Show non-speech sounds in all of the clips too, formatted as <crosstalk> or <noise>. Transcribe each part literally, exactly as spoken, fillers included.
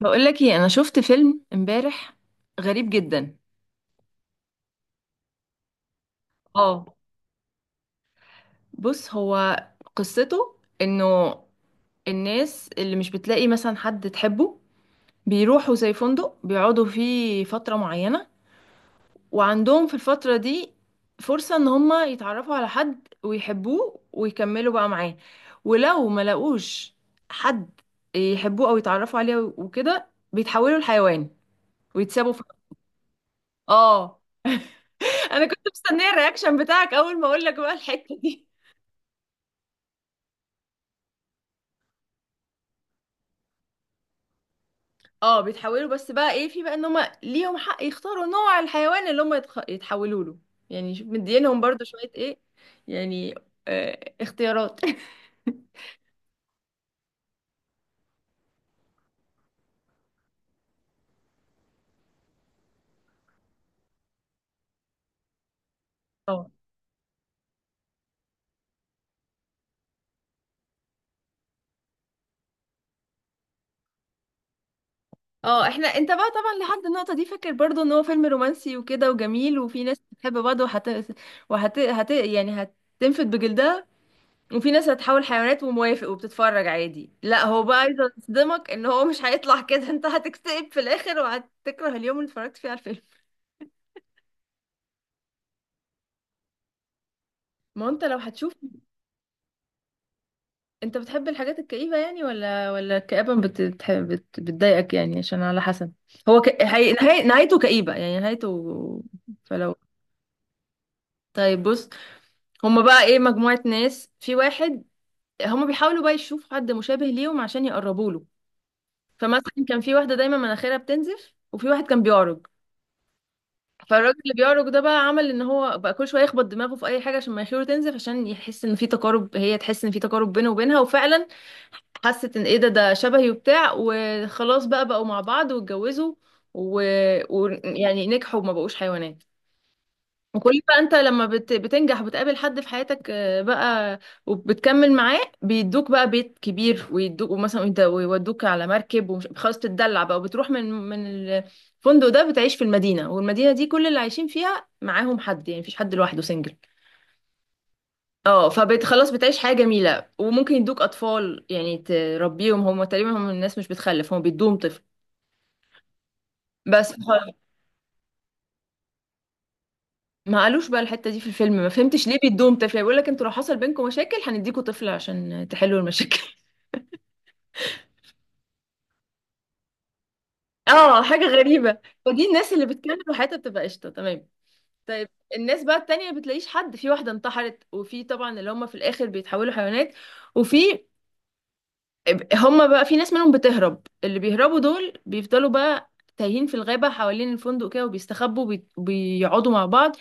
بقول لك ايه، انا شفت فيلم امبارح غريب جدا. اه، بص، هو قصته انه الناس اللي مش بتلاقي مثلا حد تحبه بيروحوا زي فندق بيقعدوا فيه فترة معينة، وعندهم في الفترة دي فرصة ان هما يتعرفوا على حد ويحبوه ويكملوا بقى معاه، ولو ما لقوش حد يحبوه او يتعرفوا عليه وكده بيتحولوا لحيوان ويتسابوا في. اه، انا كنت مستنيه الرياكشن بتاعك اول ما اقول لك بقى الحته دي. اه، بيتحولوا، بس بقى ايه، في بقى ان هم ليهم حق يختاروا نوع الحيوان اللي هم يتخ... يتحولوا له. يعني شوف مدينهم برضو شويه ايه، يعني آه اختيارات. <laughs> اه، اه، احنا، انت بقى طبعا لحد النقطه دي فاكر برضو ان هو فيلم رومانسي وكده وجميل، وفي ناس بتحب بعض وهت وهت هت... يعني هتنفد بجلدها. وفي ناس هتحول حيوانات وموافق وبتتفرج عادي. لا، هو بقى عايز يصدمك ان هو مش هيطلع كده. <laughs> انت هتكتئب في الاخر وهتكره اليوم اللي اتفرجت فيه على الفيلم. ما هو انت لو هتشوف، انت بتحب الحاجات الكئيبة يعني، ولا ولا الكآبة بت... بتح- بت... بتضايقك يعني، عشان على حسب. هو ك... هي... نهاية... نهايته كئيبة، يعني نهايته. فلو طيب، بص. هما بقى ايه مجموعة ناس في واحد، هما بيحاولوا بقى يشوفوا حد مشابه ليهم عشان يقربوا له. فمثلا كان في واحدة دايما مناخيرها بتنزف وفي واحد كان بيعرج. فالراجل اللي بيعرج ده بقى عمل ان هو بقى كل شويه يخبط دماغه في اي حاجه عشان مناخيره تنزف، عشان يحس ان في تقارب، هي تحس ان في تقارب بينه وبينها. وفعلا حست ان ايه ده، ده شبهي وبتاع، وخلاص بقى بقوا مع بعض واتجوزوا. ويعني و... و- يعني نجحوا وما بقوش حيوانات. وكل بقى انت لما بت... بتنجح وبتقابل حد في حياتك آه، بقى وبتكمل معاه، بيدوك بقى بيت كبير، ويدوك مثلا انت ويودوك على مركب ومش خلاص بتدلع بقى، وبتروح من من الفندق ده، بتعيش في المدينة، والمدينة دي كل اللي عايشين فيها معاهم حد، يعني مفيش حد لوحده سنجل. اه، فخلاص بتعيش حياة جميلة، وممكن يدوك اطفال يعني تربيهم، هم تقريبا هم الناس مش بتخلف، هم بيدوهم طفل. بس ما قالوش بقى الحته دي في الفيلم، ما فهمتش ليه بيدوهم طفل، يعني بيقول لك انتوا لو حصل بينكم مشاكل هنديكوا طفل عشان تحلوا المشاكل. <laughs> اه، حاجه غريبه. فدي الناس اللي بتكمل وحياتها بتبقى قشطه، تمام. طيب، الناس بقى التانية ما بتلاقيش حد، في واحده انتحرت، وفي طبعا اللي هم في الاخر بيتحولوا حيوانات. وفي هم بقى في ناس منهم بتهرب، اللي بيهربوا دول بيفضلوا بقى تايهين في الغابه حوالين الفندق كده وبيستخبوا وبي- وبيقعدوا مع بعض.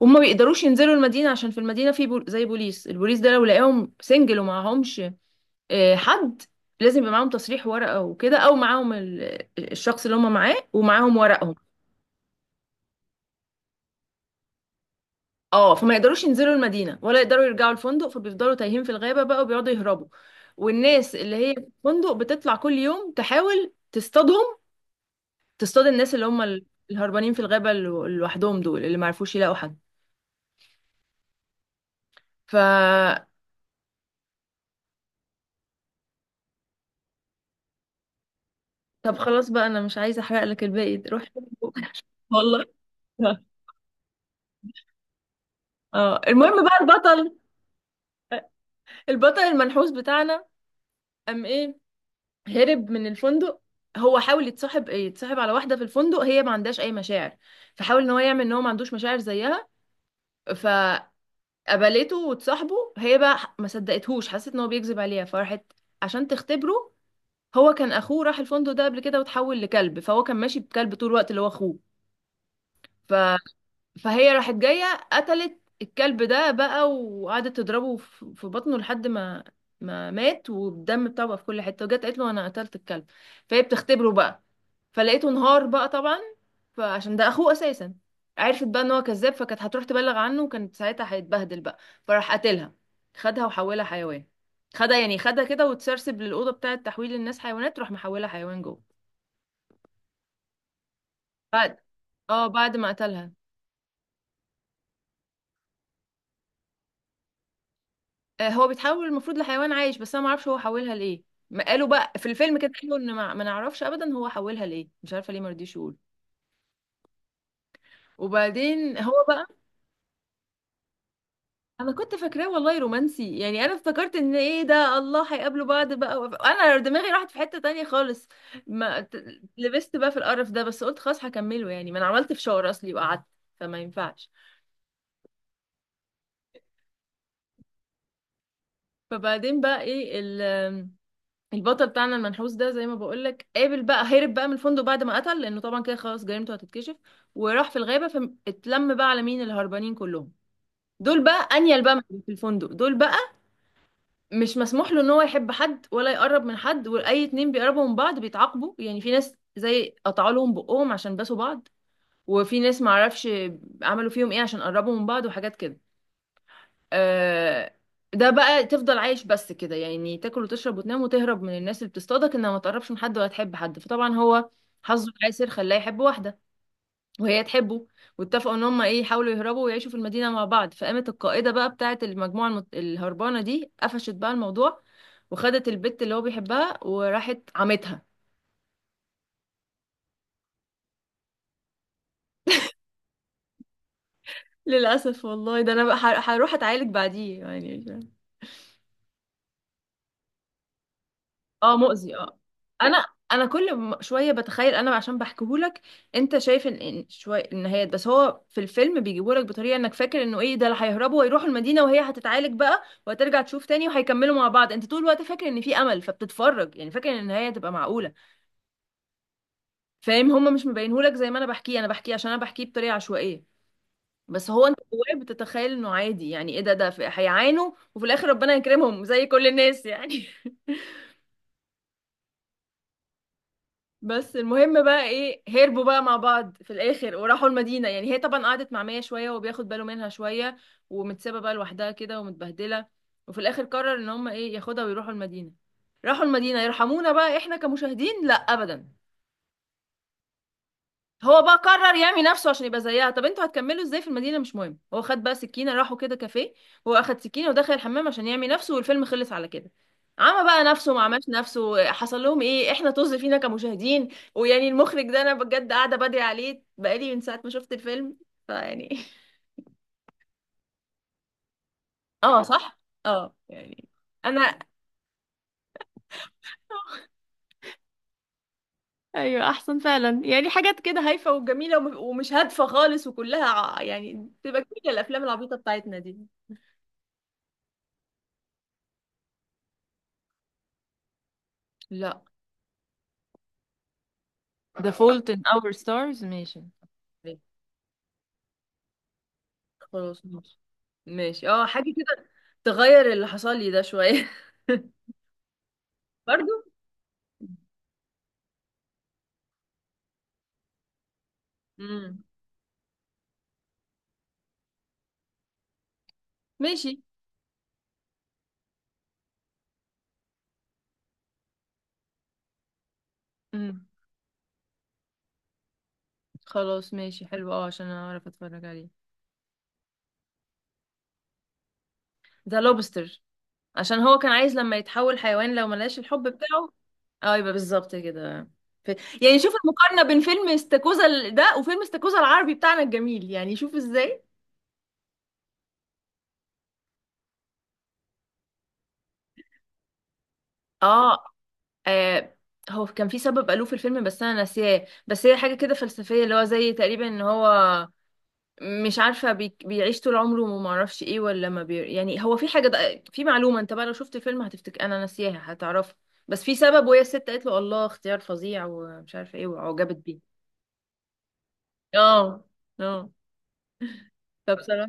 وهم ما بيقدروش ينزلوا المدينة، عشان في المدينة في بول... زي بوليس. البوليس ده لو لقاهم سنجل ومعهمش آه، حد، لازم يبقى معاهم تصريح ورقة وكده، او معاهم ال- الشخص اللي هم معاه ومعاهم ورقهم. اه، فما يقدروش ينزلوا المدينة ولا يقدروا يرجعوا الفندق، فبيفضلوا تايهين في الغابة بقى وبيقعدوا يهربوا. والناس اللي هي في الفندق بتطلع كل يوم تحاول تصطادهم، تصطاد الناس اللي هم ال- الهربانين في الغابة الو- لوحدهم، دول اللي ما عرفوش يلاقوا حد. ف طب خلاص بقى، انا مش عايزة احرق لك الباقي، روح. <laughs> والله، اه، المهم بقى البطل البطل المنحوس بتاعنا قام ايه، هرب من الفندق. هو حاول يتصاحب يتصاحب على واحده في الفندق، هي ما عندهاش اي مشاعر، فحاول ان هو يعمل ان هو ما عندوش مشاعر زيها فقبلته. وتصاحبه، هي بقى ما صدقتهوش، حست ان هو بيكذب عليها فراحت عشان تختبره. هو كان اخوه راح الفندق ده قبل كده وتحول لكلب، فهو كان ماشي بكلب طول الوقت اللي هو اخوه. فهي راحت جاية قتلت الكلب ده بقى وقعدت تضربه ف- في بطنه لحد ما ما مات، والدم بتاعه بقى في كل حتة، وجت قالت له انا قتلت الكلب، فهي بتختبره بقى، فلقيته انهار بقى طبعا، فعشان ده اخوه اساسا. عرفت بقى ان هو كذاب، فكانت هتروح تبلغ عنه، وكانت ساعتها هيتبهدل بقى، فراح قتلها، خدها وحولها حيوان، خدها يعني خدها كده، وتسرسب للأوضة بتاعة تحويل الناس حيوانات، راح محولها حيوان جوه. بعد. اه بعد ما قتلها. آه، هو بيتحول المفروض لحيوان عايش، بس انا ما اعرفش هو حولها ليه، ما قالوا بقى في الفيلم كده، قالوا ان ما ما نعرفش ابدا هو حولها ليه، مش عارفه ليه ما رضيش يقول. وبعدين هو بقى. انا كنت فاكراه والله رومانسي، يعني انا افتكرت ان ايه ده، الله هيقابلوا بعض بقى، وف- انا دماغي راحت في حته تانية خالص. ما ت- لبست بقى في القرف ده، بس قلت خلاص هكمله، يعني ما انا عملت فشار اصلي وقعدت، فما ينفعش. فبعدين بقى ايه، البطل بتاعنا المنحوس ده زي ما بقولك، قابل بقى، هرب بقى من الفندق بعد ما قتل، لانه طبعا كده خلاص جريمته هتتكشف، وراح في الغابة فاتلم بقى على مين، الهربانين كلهم دول بقى، انيل بقى من في الفندق دول بقى، مش مسموح له ان هو يحب حد ولا يقرب من حد، واي اتنين بيقربوا من بعض بيتعاقبوا، يعني في ناس زي قطعوا لهم بقهم عشان باسوا بعض، وفي ناس معرفش عملوا فيهم ايه عشان قربوا من بعض وحاجات كده. آه، ده بقى تفضل عايش بس كده، يعني تاكل وتشرب وتنام وتهرب من الناس اللي بتصطادك، انها ما تقربش من حد ولا تحب حد. فطبعا هو حظه العسر خلاه يحب واحده، وهي تحبه، واتفقوا ان هم ايه، يحاولوا يهربوا ويعيشوا في المدينه مع بعض، فقامت القائده بقى بتاعه المجموعه المت... الهربانه دي قفشت بقى الموضوع، وخدت البت اللي هو بيحبها وراحت عمتها. للاسف والله، ده انا بقى هر- هروح اتعالج بعديه يعني. اه، مؤذي، اه. انا انا كل م- شويه بتخيل، انا عشان بحكيهولك. انت شايف ان إن شويه النهايات، بس هو في الفيلم بيجيبهولك بطريقه انك فاكر انه ايه ده اللي هيهربوا ويروحوا المدينه، وهي هتتعالج بقى وهترجع تشوف تاني وهيكملوا مع بعض، انت طول الوقت فاكر ان في امل فبتتفرج يعني، فاكر ان النهايه هتبقى معقوله. فاهم، هما مش مبينهولك زي ما انا بحكيه، انا بحكيه عشان انا بحكيه بطريقه عشوائيه، بس هو انت جواك بتتخيل انه عادي، يعني ايه ده، ده في- هيعانوا وفي الاخر ربنا يكرمهم زي كل الناس يعني. <laughs> بس المهم بقى ايه، هربوا بقى مع بعض في الاخر وراحوا المدينة يعني، هي طبعا قعدت مع مية شوية وبياخد باله منها شوية، ومتسابة بقى لوحدها كده ومتبهدلة، وفي الاخر قرر ان هم ايه، ياخدها ويروحوا المدينة. راحوا المدينة يرحمونا بقى احنا كمشاهدين؟ لا، ابدا. هو بقى قرر يعمي نفسه عشان يبقى زيها. طب انتوا هتكملوا ازاي في المدينه؟ مش مهم. هو خد بقى سكينه، راحوا كده كافيه، هو اخد سكينه ودخل الحمام عشان يعمي نفسه، والفيلم خلص على كده. عمى بقى نفسه، ما عملش نفسه، حصل لهم ايه، احنا طز فينا كمشاهدين. ويعني المخرج ده انا بجد قاعده بدري عليه بقالي من ساعه ما شفت الفيلم، فيعني. <laughs> اه صح. اه، يعني انا. ايوه، احسن فعلا، يعني حاجات كده هايفه وجميله وم- ومش هادفه خالص، وكلها ع- يعني تبقى كل الافلام العبيطه بتاعتنا دي. لا. The Fault in Our Stars، ماشي. خلاص ماشي. ماشي، اه، حاجة كده تغير اللي حصل لي ده شوية. <laughs> برضو. امم. ماشي. امم. خلاص ماشي، حلو، اه، عشان اعرف اتفرج عليه. ذا لوبستر، عشان هو كان عايز لما يتحول حيوان لو ملاش الحب بتاعه. اه، يبقى بالظبط كده. ف... يعني شوف المقارنة بين فيلم استاكوزا ال- ده وفيلم استاكوزا العربي بتاعنا الجميل، يعني شوف ازاي. اه. آه هو كان في سبب قالوه في الفيلم بس انا ناسياه، بس هي حاجه كده فلسفيه، اللي هو زي تقريبا ان هو مش عارفه بي بيعيش طول عمره، وما اعرفش ايه ولا ما بي، يعني هو في حاجه، ده في معلومه، انت بقى لو شفت الفيلم هتفتكر انا ناسياها، هتعرفها. بس في سبب، وهي الست قالت له الله اختيار فظيع ومش عارفه ايه، وعجبت بيه. اه. اه. فبصراحه،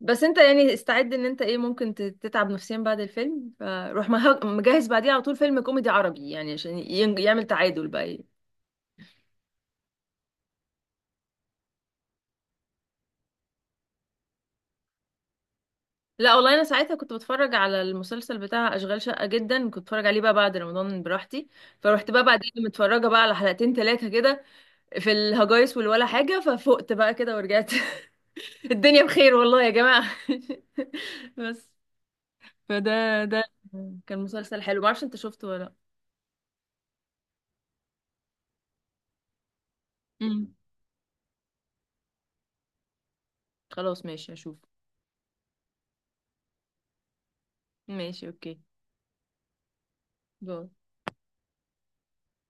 بس انت يعني استعد ان انت ايه، ممكن ت- تتعب نفسيا بعد الفيلم، فروح مه- مجهز بعديها على طول فيلم كوميدي عربي، يعني عشان ين- يعمل تعادل بقى. لا والله، انا ساعتها كنت بتفرج على المسلسل بتاع اشغال شقه، جدا كنت بتفرج عليه بقى بعد رمضان براحتي. فروحت بقى بعدين متفرجه بقى على حلقتين ثلاثة كده في الهجايس والولا حاجه، ففقت بقى كده ورجعت. <laughs> الدنيا بخير والله يا جماعه. <laughs> بس. فده ده كان مسلسل حلو، ما اعرفش انت شفته ولا لا. مم. خلاص ماشي هشوف. ماشي، اوكي. باي.